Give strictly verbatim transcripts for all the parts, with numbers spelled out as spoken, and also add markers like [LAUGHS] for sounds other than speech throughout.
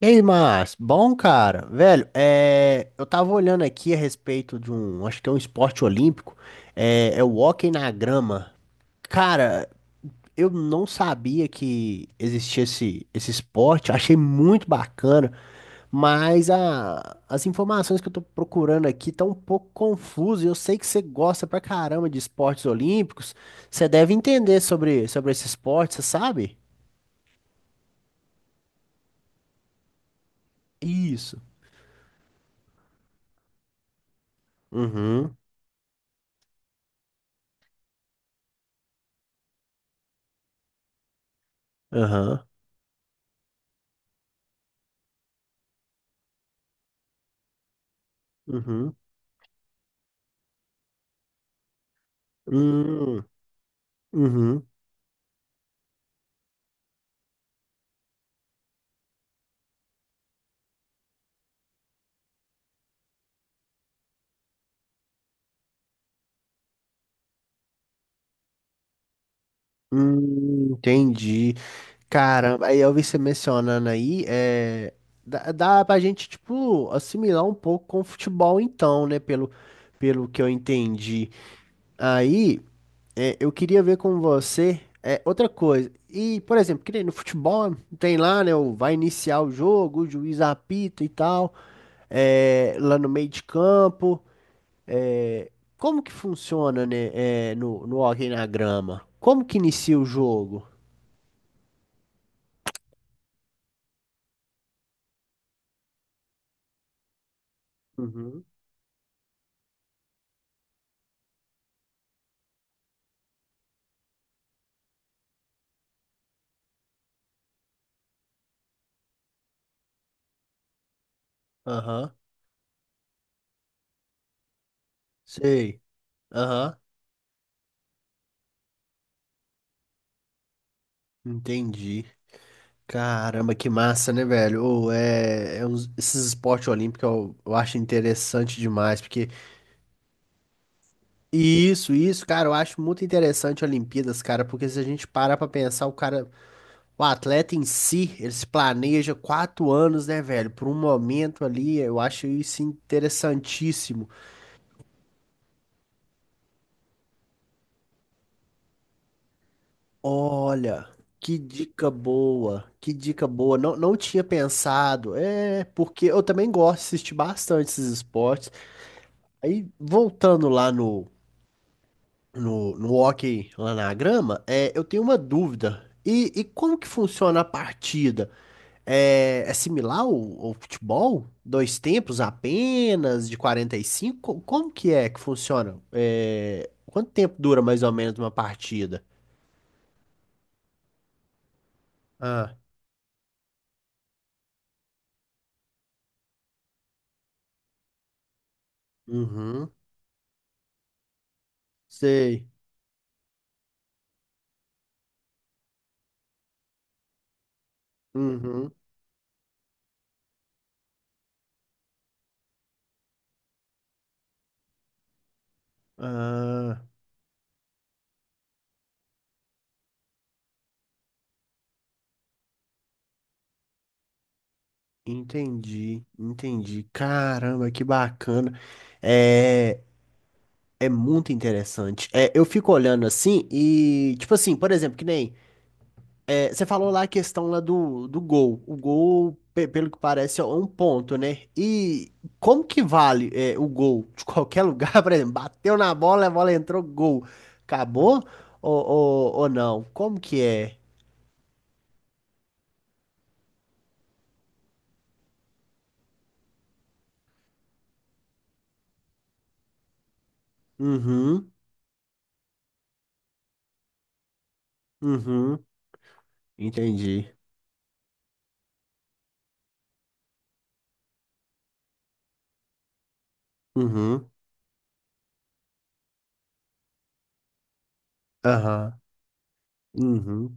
Ei, Márcio, bom, cara. Velho, é, eu tava olhando aqui a respeito de um, acho que é um esporte olímpico, é, é o hóquei na grama. Cara, eu não sabia que existia esse, esse esporte, achei muito bacana, mas a- as informações que eu tô procurando aqui estão um pouco confusas. Eu sei que você gosta pra caramba de esportes olímpicos, você deve entender sobre, sobre esse esporte, você sabe? Isso. Uhum, aham, uhum. Hum, uhum, hum, entendi. Caramba, aí eu vi você mencionando aí, é, dá, dá pra gente, tipo, assimilar um pouco com o futebol então, né, pelo, pelo que eu entendi. Aí, é, eu queria ver com você, é, outra coisa, e, por exemplo, que nem no futebol, tem lá, né, o, vai iniciar o jogo, o juiz apita e tal, é, lá no meio de campo, é, como que funciona, né, é, no, no Hockey na Grama? Como que inicia o jogo? Uhum. Aham, sei. Aham, entendi. Caramba, que massa, né, velho? Ô, é, é uns- esses esportes olímpicos eu, eu acho interessante demais, porque isso, isso, cara, eu acho muito interessante Olimpíadas, cara, porque se a gente parar pra pensar, o cara, o atleta em si, ele se planeja quatro anos, né, velho, por um momento ali, eu acho isso interessantíssimo. Olha, que dica boa, que dica boa. Não, não tinha pensado. É, porque eu também gosto de assistir bastante esses esportes. Aí, voltando lá no, no, no hóquei, lá na grama, é, eu tenho uma dúvida. E, e como que funciona a partida? É, é similar ao, ao futebol? Dois tempos apenas, de quarenta e cinco? Co- Como que é que funciona? É, quanto tempo dura mais ou menos uma partida? Ah, uhum, sei. Uhum. Ah, entendi, entendi. Caramba, que bacana. É, é muito interessante. É, eu fico olhando assim e, tipo assim, por exemplo, que nem é, você falou lá a questão lá do, do gol. O gol, pe- pelo que parece, é um ponto, né? E como que vale é, o gol? De qualquer lugar, [LAUGHS] por exemplo, bateu na bola, a bola entrou, gol. Acabou ou, ou, ou não? Como que é? Uhum, uhum, entendi. Uhum. Aham. Uhum.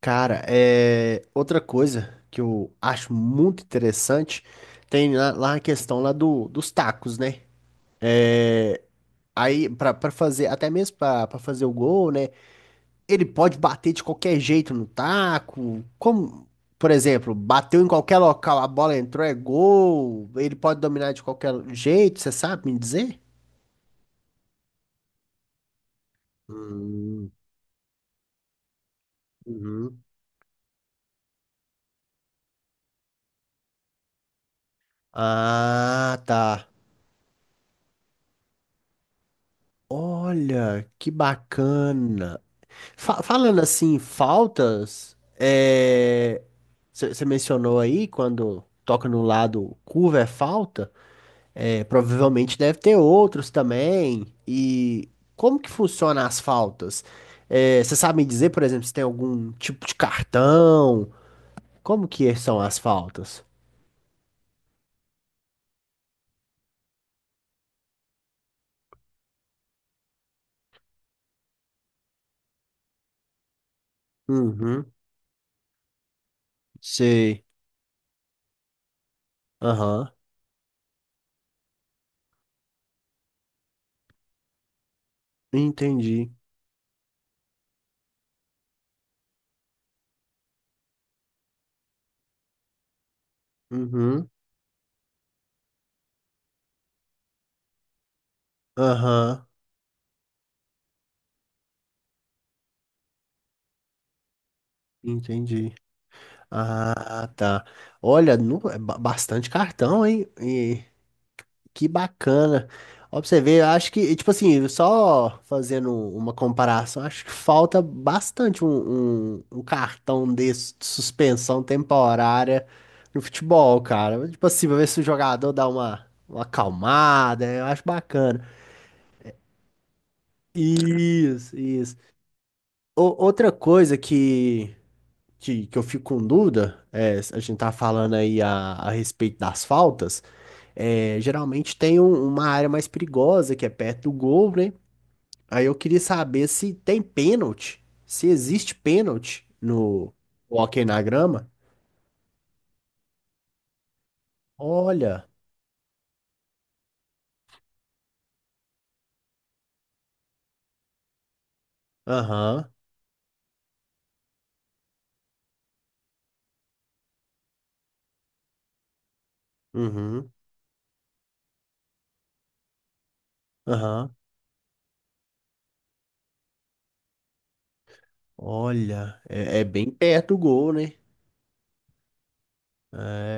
Cara, é... outra coisa que eu acho muito interessante tem lá, lá a questão lá do, dos tacos, né? É... Aí, pra, pra fazer, até mesmo pra, pra fazer o gol, né? Ele pode bater de qualquer jeito no taco. Como, por exemplo, bateu em qualquer local, a bola entrou, é gol. Ele pode dominar de qualquer jeito, você sabe me dizer? Hum, uhum. Ah, tá. Olha, que bacana. Fa- falando assim, faltas, é... você mencionou aí quando toca no lado curva é falta, é, provavelmente deve ter outros também. E como que funciona as faltas? Você sabe me dizer, por exemplo, se tem algum tipo de cartão? Como que são as faltas? Uhum, sei. Aham, entendi. Uhum, aham, entendi. Ah, tá. Olha, nu- é ba- bastante cartão, hein? E que bacana. Ó, pra você ver, eu acho que, tipo assim, só fazendo uma comparação, acho que falta bastante um, um- um cartão desse de suspensão temporária no futebol, cara. Tipo assim, pra ver se o jogador dá uma, uma acalmada, eu acho bacana. Isso, isso. O- outra coisa que. que, que eu fico com dúvida, é, a gente tá falando aí a, a respeito das faltas, é, geralmente tem um- uma área mais perigosa que é perto do gol, né? Aí eu queria saber se tem pênalti, se existe pênalti no no hóquei na grama. Olha, aham, uhum, aham, olha, é, é bem perto do gol, né? É,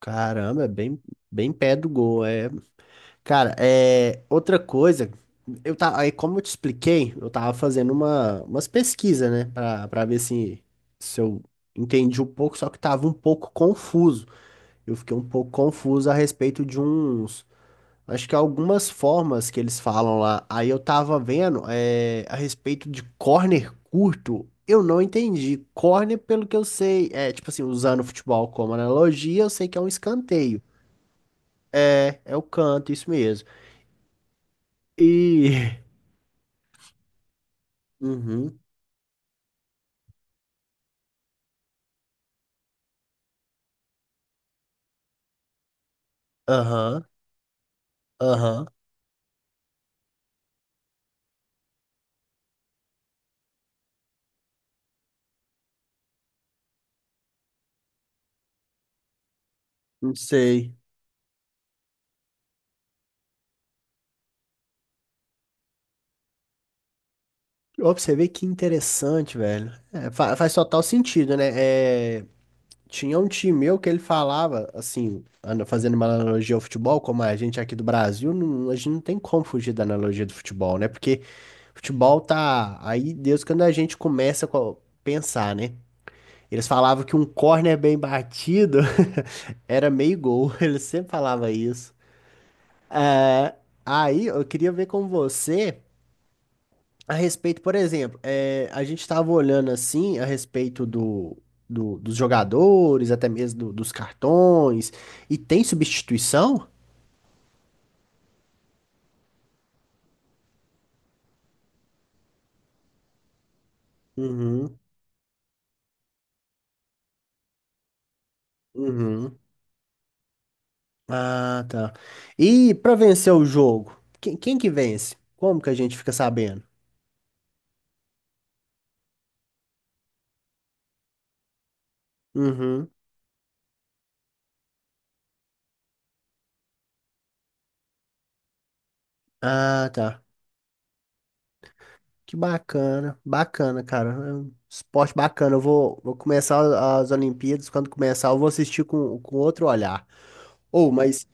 caramba, é bem, bem perto do gol, é cara, é, outra coisa, eu tá, aí como eu te expliquei, eu tava fazendo uma, umas pesquisas, né, pra para ver se, se eu entendi um pouco, só que tava um pouco confuso. Eu fiquei um pouco confuso a respeito de uns, acho que algumas formas que eles falam lá. Aí eu tava vendo, é, a respeito de corner curto, eu não entendi. Corner, pelo que eu sei, é tipo assim, usando o futebol como analogia, eu sei que é um escanteio. É, é o canto, isso mesmo. E [LAUGHS] Uhum. Aham. Aham. Não sei. Ó, pra você ver que interessante, velho. É, fa- faz total sentido, né? É, tinha um time meu que ele falava, assim, ana- fazendo uma analogia ao futebol, como a gente aqui do Brasil, não- a gente não tem como fugir da analogia do futebol, né? Porque futebol tá aí desde quando a gente começa a pensar, né? Eles falavam que um córner bem batido [LAUGHS] era meio gol. [LAUGHS] Eles sempre falavam isso. É, aí eu queria ver com você. A respeito, por exemplo, eh, a gente estava olhando assim a respeito do, do- dos jogadores, até mesmo do- dos cartões, e tem substituição? Uhum, uhum. Ah, tá. E para vencer o jogo, quem, quem que vence? Como que a gente fica sabendo? Uhum. Ah, tá. Que bacana, bacana, cara. É um esporte bacana. Eu vou, vou começar as Olimpíadas. Quando começar, eu vou assistir com, com outro olhar. Ou, mas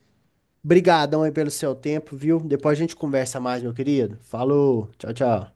brigadão aí pelo seu tempo, viu? Depois a gente conversa mais, meu querido. Falou, tchau, tchau.